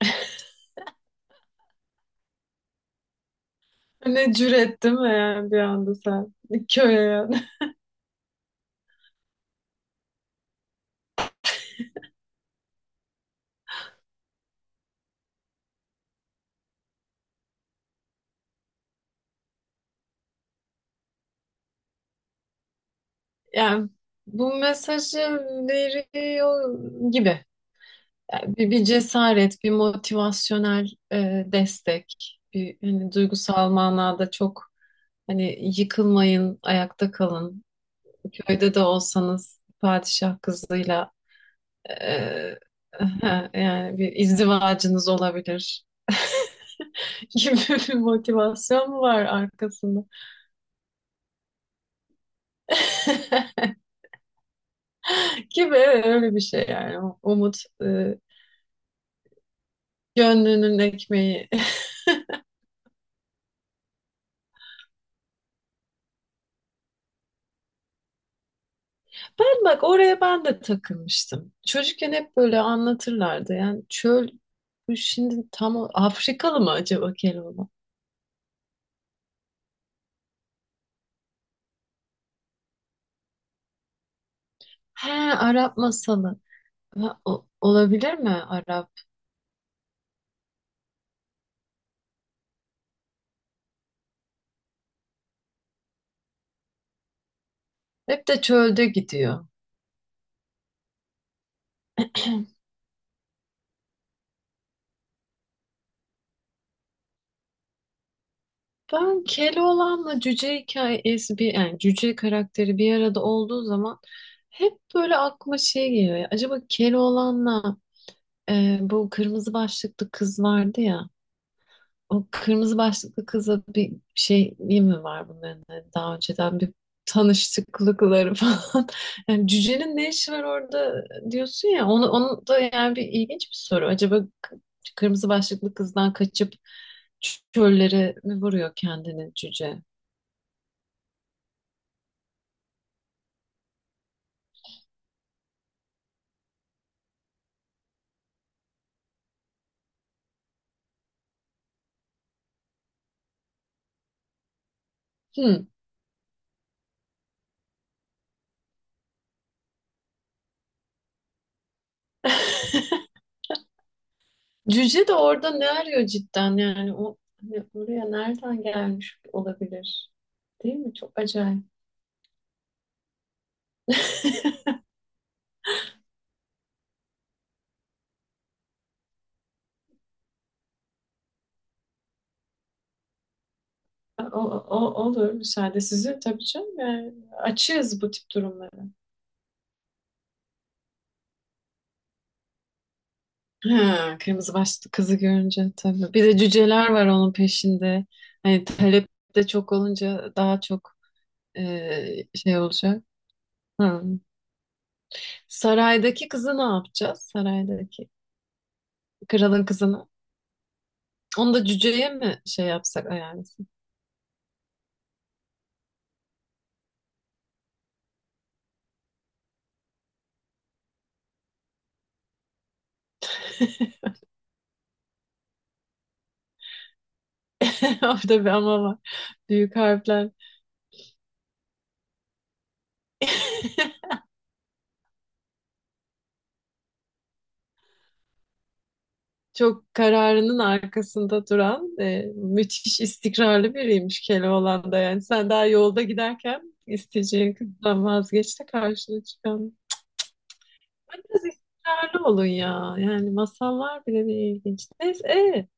Ne cüret değil mi yani bir anda sen köye yani. Yani bu mesajı veriyor gibi. Yani bir cesaret, bir motivasyonel destek, bir hani duygusal manada çok hani yıkılmayın, ayakta kalın. Köyde de olsanız padişah kızıyla e, yani bir izdivacınız olabilir gibi bir motivasyon mu var arkasında? gibi öyle bir şey yani. Umut e, gönlünün ekmeği. Ben bak oraya ben de takılmıştım. Çocukken hep böyle anlatırlardı. Yani çöl bu şimdi tam Afrikalı mı acaba Keloğlan? He, Arap masalı. Ha, olabilir mi Arap? Hep de çölde gidiyor. Ben Keloğlan'la cüce hikayesi bir yani cüce karakteri bir arada olduğu zaman hep böyle aklıma şey geliyor. Ya, acaba Keloğlan'la bu kırmızı başlıklı kız vardı ya. O kırmızı başlıklı kızla bir şey iyi mi var bunların? Hani daha önceden bir tanıştıklıkları falan. Yani cücenin ne işi var orada diyorsun ya. Onu da yani bir ilginç bir soru. Acaba kırmızı başlıklı kızdan kaçıp çöllere mi vuruyor kendini cüce? Hmm. Cüce de orada ne arıyor cidden yani o hani oraya nereden gelmiş olabilir? Değil mi? Çok acayip. O, olur, müsaade sizin tabii canım. Yani açığız bu tip durumlara. Ha, kırmızı başlı kızı görünce tabii. Bir de cüceler var onun peşinde. Hani talep de çok olunca daha çok şey olacak. Hı. Saraydaki kızı ne yapacağız? Saraydaki kralın kızını. Onu da cüceye mi şey yapsak ayarlasın? Orada bir ama var. Büyük harfler. Çok kararının arkasında duran, müthiş istikrarlı biriymiş Keloğlan yani. Sen daha yolda giderken isteyeceğin kızdan vazgeç de karşına çıkan. Biraz istikrarlı olun ya. Yani masallar bile bir ilginç. Neyse,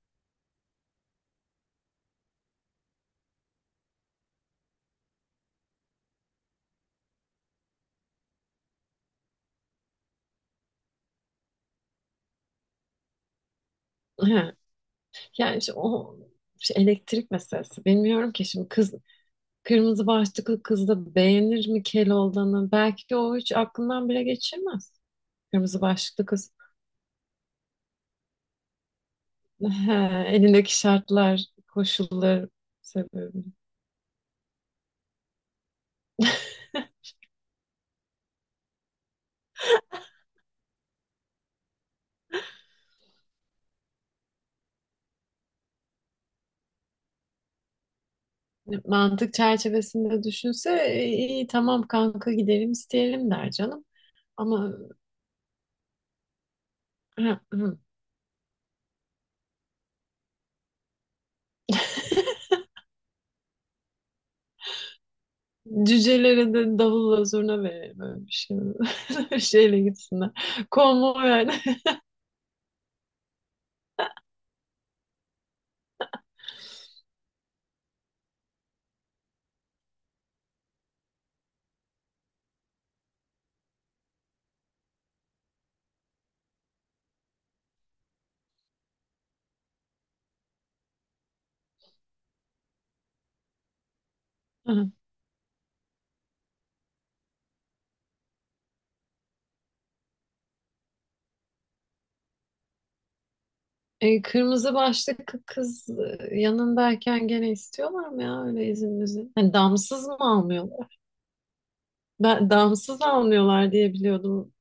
he, yani işte o işte elektrik meselesi. Bilmiyorum ki şimdi kız kırmızı başlıklı kız da beğenir mi Keloğlan'ı? Belki o hiç aklından bile geçirmez. Kırmızı başlıklı kız. He, elindeki şartlar, koşullar sebebi. Mantık çerçevesinde düşünse "E, iyi tamam kanka gidelim isteyelim" der canım. Ama hı, hı, cücelere de davulla zurna verelim öyle bir şey. Öyle bir şeyle gitsinler. Konvoy yani. Hı. E, kırmızı başlıklı kız yanındayken gene istiyorlar mı ya öyle izin müzin? Hani damsız mı almıyorlar? Ben damsız almıyorlar diye biliyordum.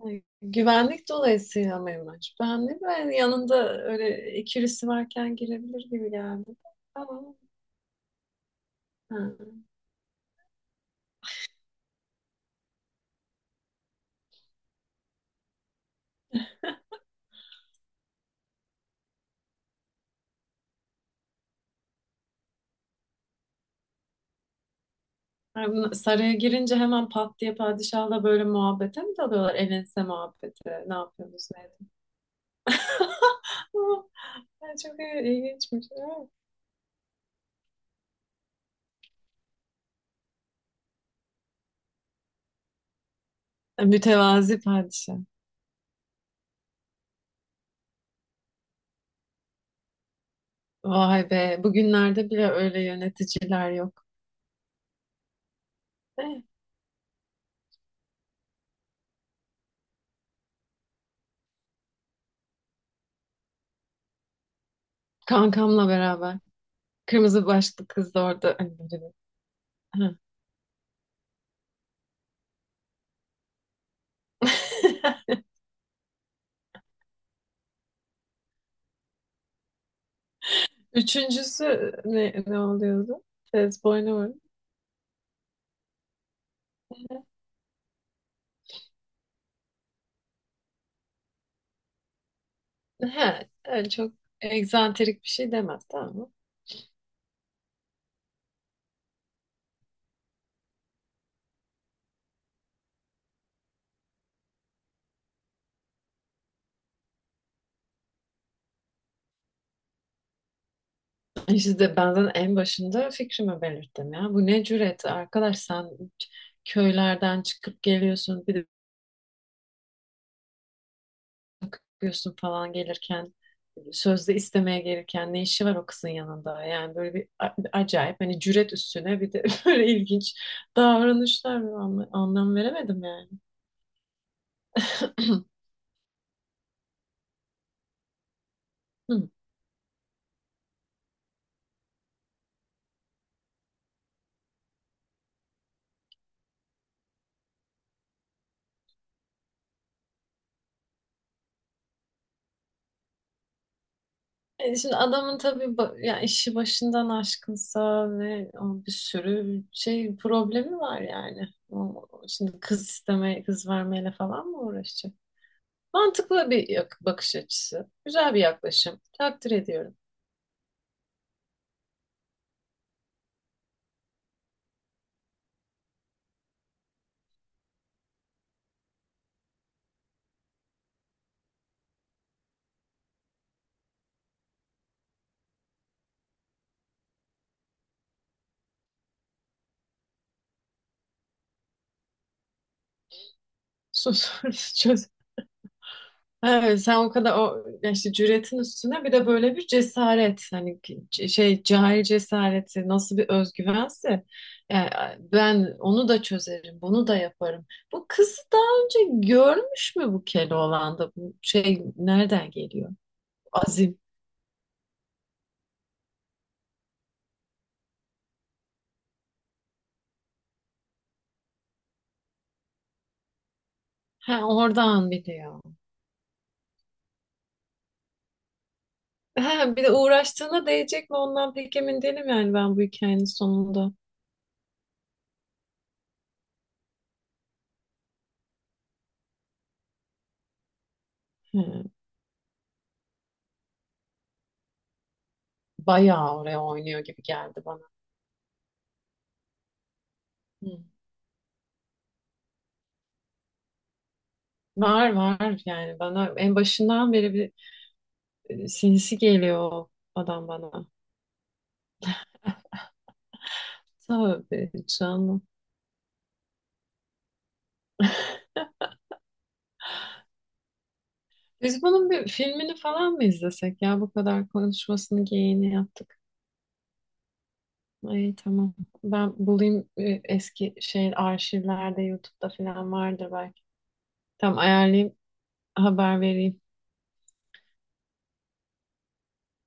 Ay, güvenlik dolayısıyla mıymış? Ben de ben yanında öyle ikilisi varken girebilir gibi geldi. Tamam. Ha. Ha, saraya girince hemen pat diye padişahla böyle muhabbete mi dalıyorlar? El muhabbeti. Ne yapıyorsunuz? Ne edin? Ay, çok ilginçmiş. Ha. Mütevazi padişah. Vay be. Bugünlerde bile öyle yöneticiler yok. Eh, kankamla beraber. Kırmızı başlı kız da orada. Ay, böyle bir- Ha. Üçüncüsü ne oluyordu? Tez boynu mu? He, öyle çok egzantrik bir şey demez tamam mı? İşte de benden en başında fikrimi belirttim ya. Bu ne cüret arkadaş sen köylerden çıkıp geliyorsun bir de bakıyorsun falan gelirken sözde istemeye gelirken ne işi var o kızın yanında? Yani böyle bir acayip hani cüret üstüne bir de böyle ilginç davranışlar anlam veremedim yani. E, şimdi adamın tabii ya işi başından aşkınsa ve o bir sürü şey problemi var yani. O, şimdi kız istemeye, kız vermeyle falan mı uğraşacak? Mantıklı bir bakış açısı. Güzel bir yaklaşım. Takdir ediyorum. Sorunu çöz. Evet, sen o kadar o ya işte cüretin üstüne bir de böyle bir cesaret hani şey cahil cesareti nasıl bir özgüvense yani ben onu da çözerim bunu da yaparım. Bu kızı daha önce görmüş mü bu Keloğlan'da bu şey nereden geliyor? Azim. Ha, oradan biliyor. Ha bir de uğraştığına değecek mi ondan pek emin değilim yani ben bu hikayenin sonunda. Hı, bayağı oraya oynuyor gibi geldi bana. Hı. Var var, yani bana en başından beri bir sinsi geliyor o adam bana. Tabii canım. Biz bunun bir filmini falan mı izlesek ya bu kadar konuşmasını geyiğini yaptık. Ay tamam. Ben bulayım eski şey arşivlerde YouTube'da falan vardır belki. Tamam, ayarlayayım haber vereyim.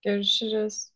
Görüşürüz.